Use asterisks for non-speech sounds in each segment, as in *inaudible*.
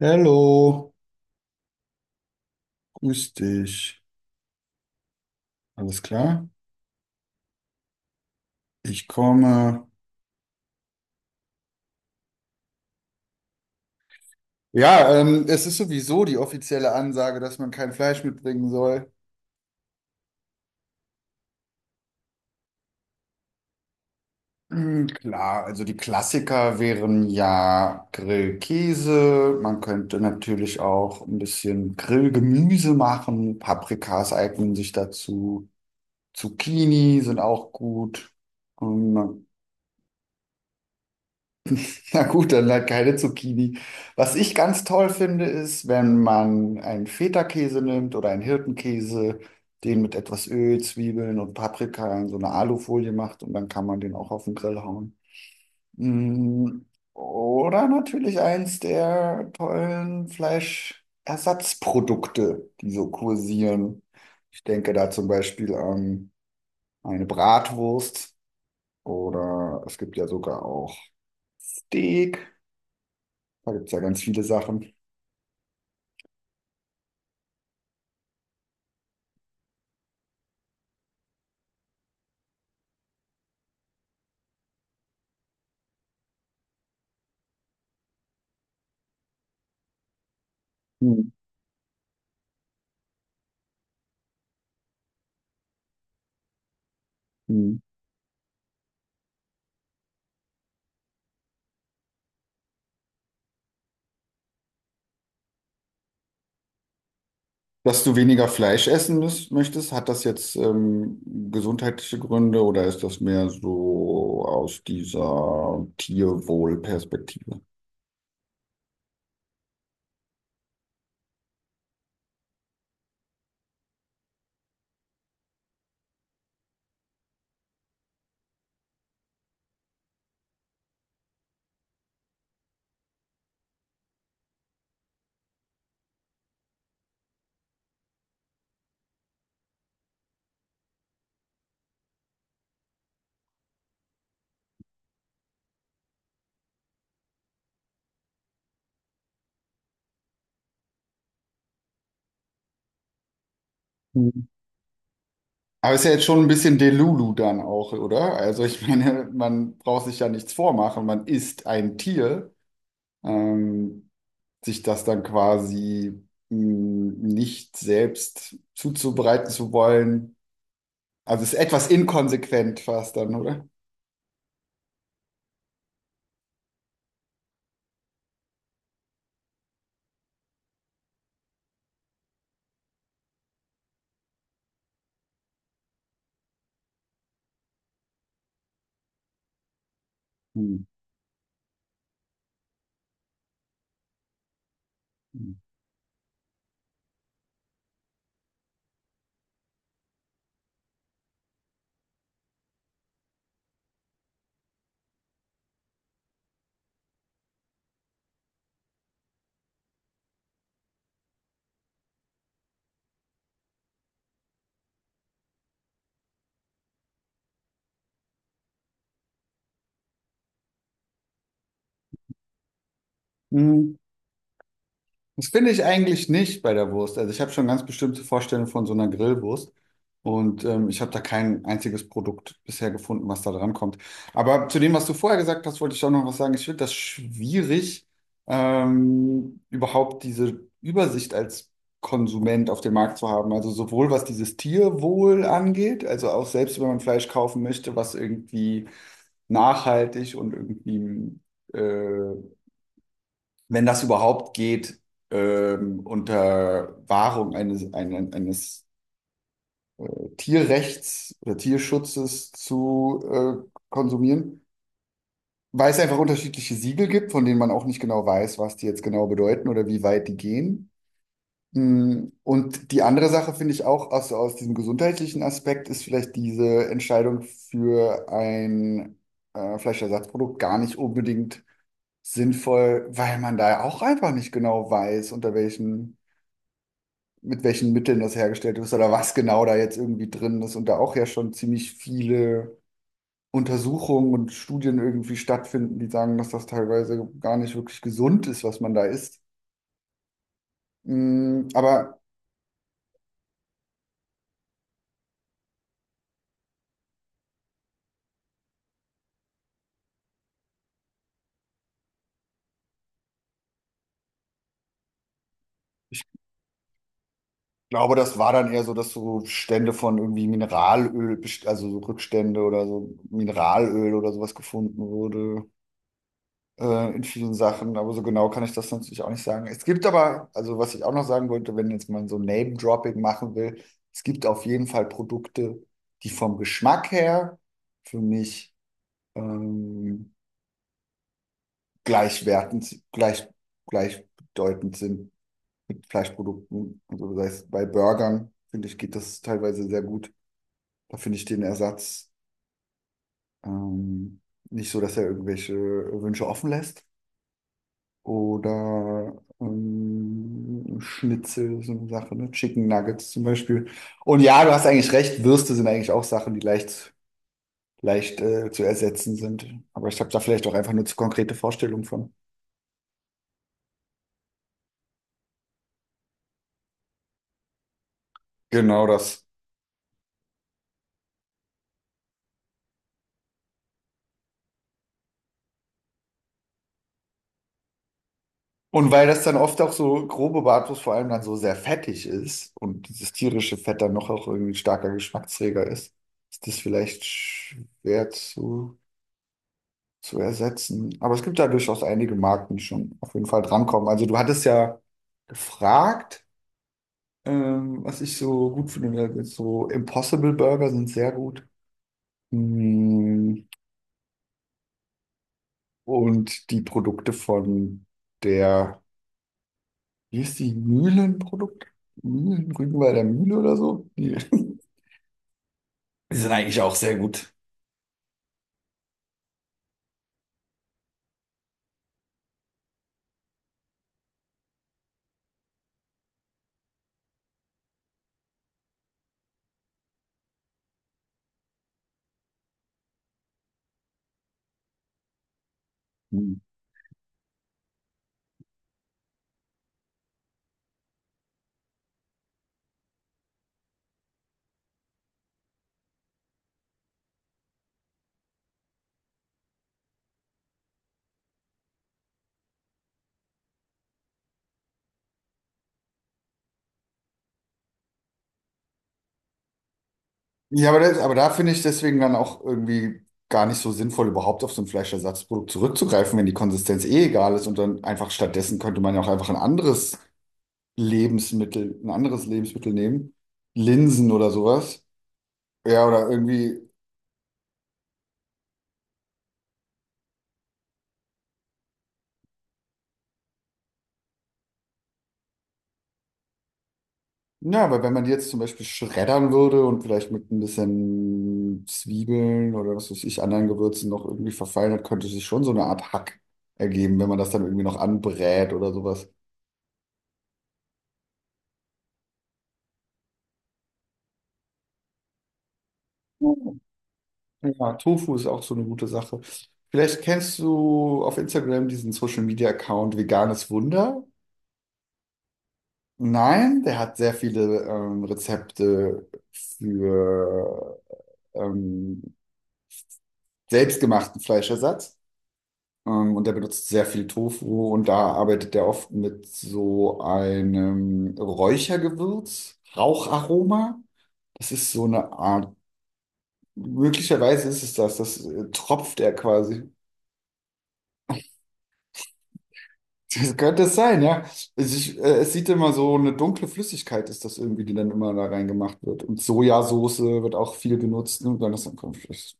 Hallo, grüß dich. Alles klar? Ich komme. Ja, es ist sowieso die offizielle Ansage, dass man kein Fleisch mitbringen soll. Hm, klar, also die Klassiker wären ja Grillkäse. Man könnte natürlich auch ein bisschen Grillgemüse machen. Paprikas eignen sich dazu. Zucchini sind auch gut. Und man *laughs* na gut, dann halt keine Zucchini. Was ich ganz toll finde, ist, wenn man einen Feta-Käse nimmt oder einen Hirtenkäse, den mit etwas Öl, Zwiebeln und Paprika in so eine Alufolie macht und dann kann man den auch auf den Grill hauen. Mm, Oder natürlich eins der tollen Fleischersatzprodukte, die so kursieren. Ich denke da zum Beispiel an eine Bratwurst oder es gibt ja sogar auch Steak. Da gibt es ja ganz viele Sachen. Hm, hm. Dass du weniger Fleisch essen möchtest, hat das jetzt gesundheitliche Gründe oder ist das mehr so aus dieser Tierwohlperspektive? Hm. Aber ist ja jetzt schon ein bisschen Delulu dann auch, oder? Also ich *laughs* meine, man braucht sich ja nichts vormachen, man isst ein Tier, ähm, sich das dann quasi mh, nicht selbst zuzubereiten zu wollen. Also ist etwas inkonsequent fast dann, oder? Hm. Hm. Mhm. Das finde ich eigentlich nicht bei der Wurst. Also ich habe schon ganz bestimmte Vorstellungen von so einer Grillwurst und ich habe da kein einziges Produkt bisher gefunden, was da dran kommt. Aber zu dem, was du vorher gesagt hast, wollte ich auch noch was sagen. Ich finde das schwierig, überhaupt diese Übersicht als Konsument auf dem Markt zu haben. Also sowohl was dieses Tierwohl angeht, also auch selbst wenn man Fleisch kaufen möchte, was irgendwie nachhaltig und irgendwie äh, wenn das überhaupt geht, unter Wahrung eines Tierrechts oder Tierschutzes zu konsumieren, weil es einfach unterschiedliche Siegel gibt, von denen man auch nicht genau weiß, was die jetzt genau bedeuten oder wie weit die gehen. Und die andere Sache finde ich auch aus diesem gesundheitlichen Aspekt ist vielleicht diese Entscheidung für ein Fleischersatzprodukt gar nicht unbedingt sinnvoll, weil man da auch einfach nicht genau weiß, unter welchen mit welchen Mitteln das hergestellt ist oder was genau da jetzt irgendwie drin ist. Und da auch ja schon ziemlich viele Untersuchungen und Studien irgendwie stattfinden, die sagen, dass das teilweise gar nicht wirklich gesund ist, was man da isst. Aber ich glaube, das war dann eher so, dass so Stände von irgendwie also so Rückstände oder so Mineralöl oder sowas gefunden wurde. In vielen Sachen, aber so genau kann ich das natürlich auch nicht sagen. Es gibt aber, also was ich auch noch sagen wollte, wenn jetzt man so Name-Dropping machen will, es gibt auf jeden Fall Produkte, die vom Geschmack her für mich ähm, gleichwertend, gleichbedeutend sind mit Fleischprodukten. Also das heißt, bei Burgern, finde ich, geht das teilweise sehr gut. Da finde ich den Ersatz ähm, nicht so, dass er irgendwelche Wünsche offen lässt. Oder Schnitzel, so eine Sache, ne? Chicken Nuggets zum Beispiel. Und ja, du hast eigentlich recht, Würste sind eigentlich auch Sachen, die leicht zu ersetzen sind. Aber ich habe da vielleicht auch einfach nur zu konkrete Vorstellungen von. Genau das. Und weil das dann oft auch so grobe Bratwurst vor allem dann so sehr fettig ist und dieses tierische Fett dann noch auch irgendwie ein starker Geschmacksträger ist, ist das vielleicht schwer zu ersetzen. Aber es gibt ja durchaus einige Marken, die schon auf jeden Fall drankommen. Also du hattest ja gefragt, was ich so gut finde. So Impossible Burger sind sehr gut. Mm, Und die Produkte von der, wie ist die, Mühlenprodukt? Mühlen, Rügenwalder Mühle oder so? Die, *laughs* die sind eigentlich auch sehr gut. Hm. Ja, aber da finde ich deswegen dann auch irgendwie gar nicht so sinnvoll, überhaupt auf so ein Fleischersatzprodukt zurückzugreifen, wenn die Konsistenz eh egal ist und dann einfach stattdessen könnte man ja auch einfach ein anderes ein anderes Lebensmittel nehmen. Linsen oder sowas. Ja, oder irgendwie, ja, weil wenn man die jetzt zum Beispiel schreddern würde und vielleicht mit ein bisschen Zwiebeln oder was weiß ich, anderen Gewürzen noch irgendwie verfeinert, könnte sich schon so eine Art Hack ergeben, wenn man das dann irgendwie noch anbrät oder sowas. Ja, Tofu ist auch so eine gute Sache. Vielleicht kennst du auf Instagram diesen Social Media Account Veganes Wunder? Nein, der hat sehr viele Rezepte für ähm, selbstgemachten Fleischersatz. Und der benutzt sehr viel Tofu und da arbeitet er oft mit so einem Räuchergewürz, Raucharoma. Das ist so eine Art, möglicherweise ist es das, das tropft er quasi. Das könnte es sein, ja. Es sieht immer so eine dunkle Flüssigkeit, ist das irgendwie, die dann immer da reingemacht wird. Und Sojasauce wird auch viel genutzt. Ne? Dann kommt es.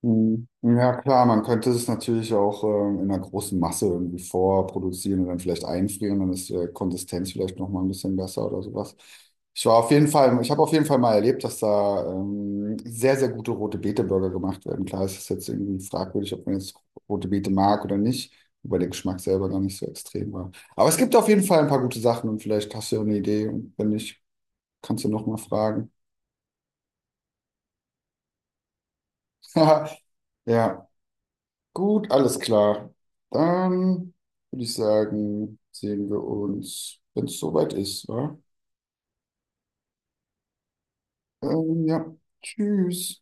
Mhm. Ja, klar, man könnte es natürlich auch in einer großen Masse irgendwie vorproduzieren und dann vielleicht einfrieren, dann ist die Konsistenz vielleicht noch mal ein bisschen besser oder sowas. Ich habe auf jeden Fall mal erlebt, dass da sehr, sehr gute rote Bete-Burger gemacht werden. Klar, es ist jetzt irgendwie fragwürdig, ob man jetzt rote Beete mag oder nicht, wobei der Geschmack selber gar nicht so extrem war. Aber es gibt auf jeden Fall ein paar gute Sachen und vielleicht hast du ja eine Idee und wenn nicht, kannst du noch mal fragen. *laughs* Ja. Gut, alles klar. Dann würde ich sagen, sehen wir uns, wenn es soweit ist, wa? Ja, tschüss.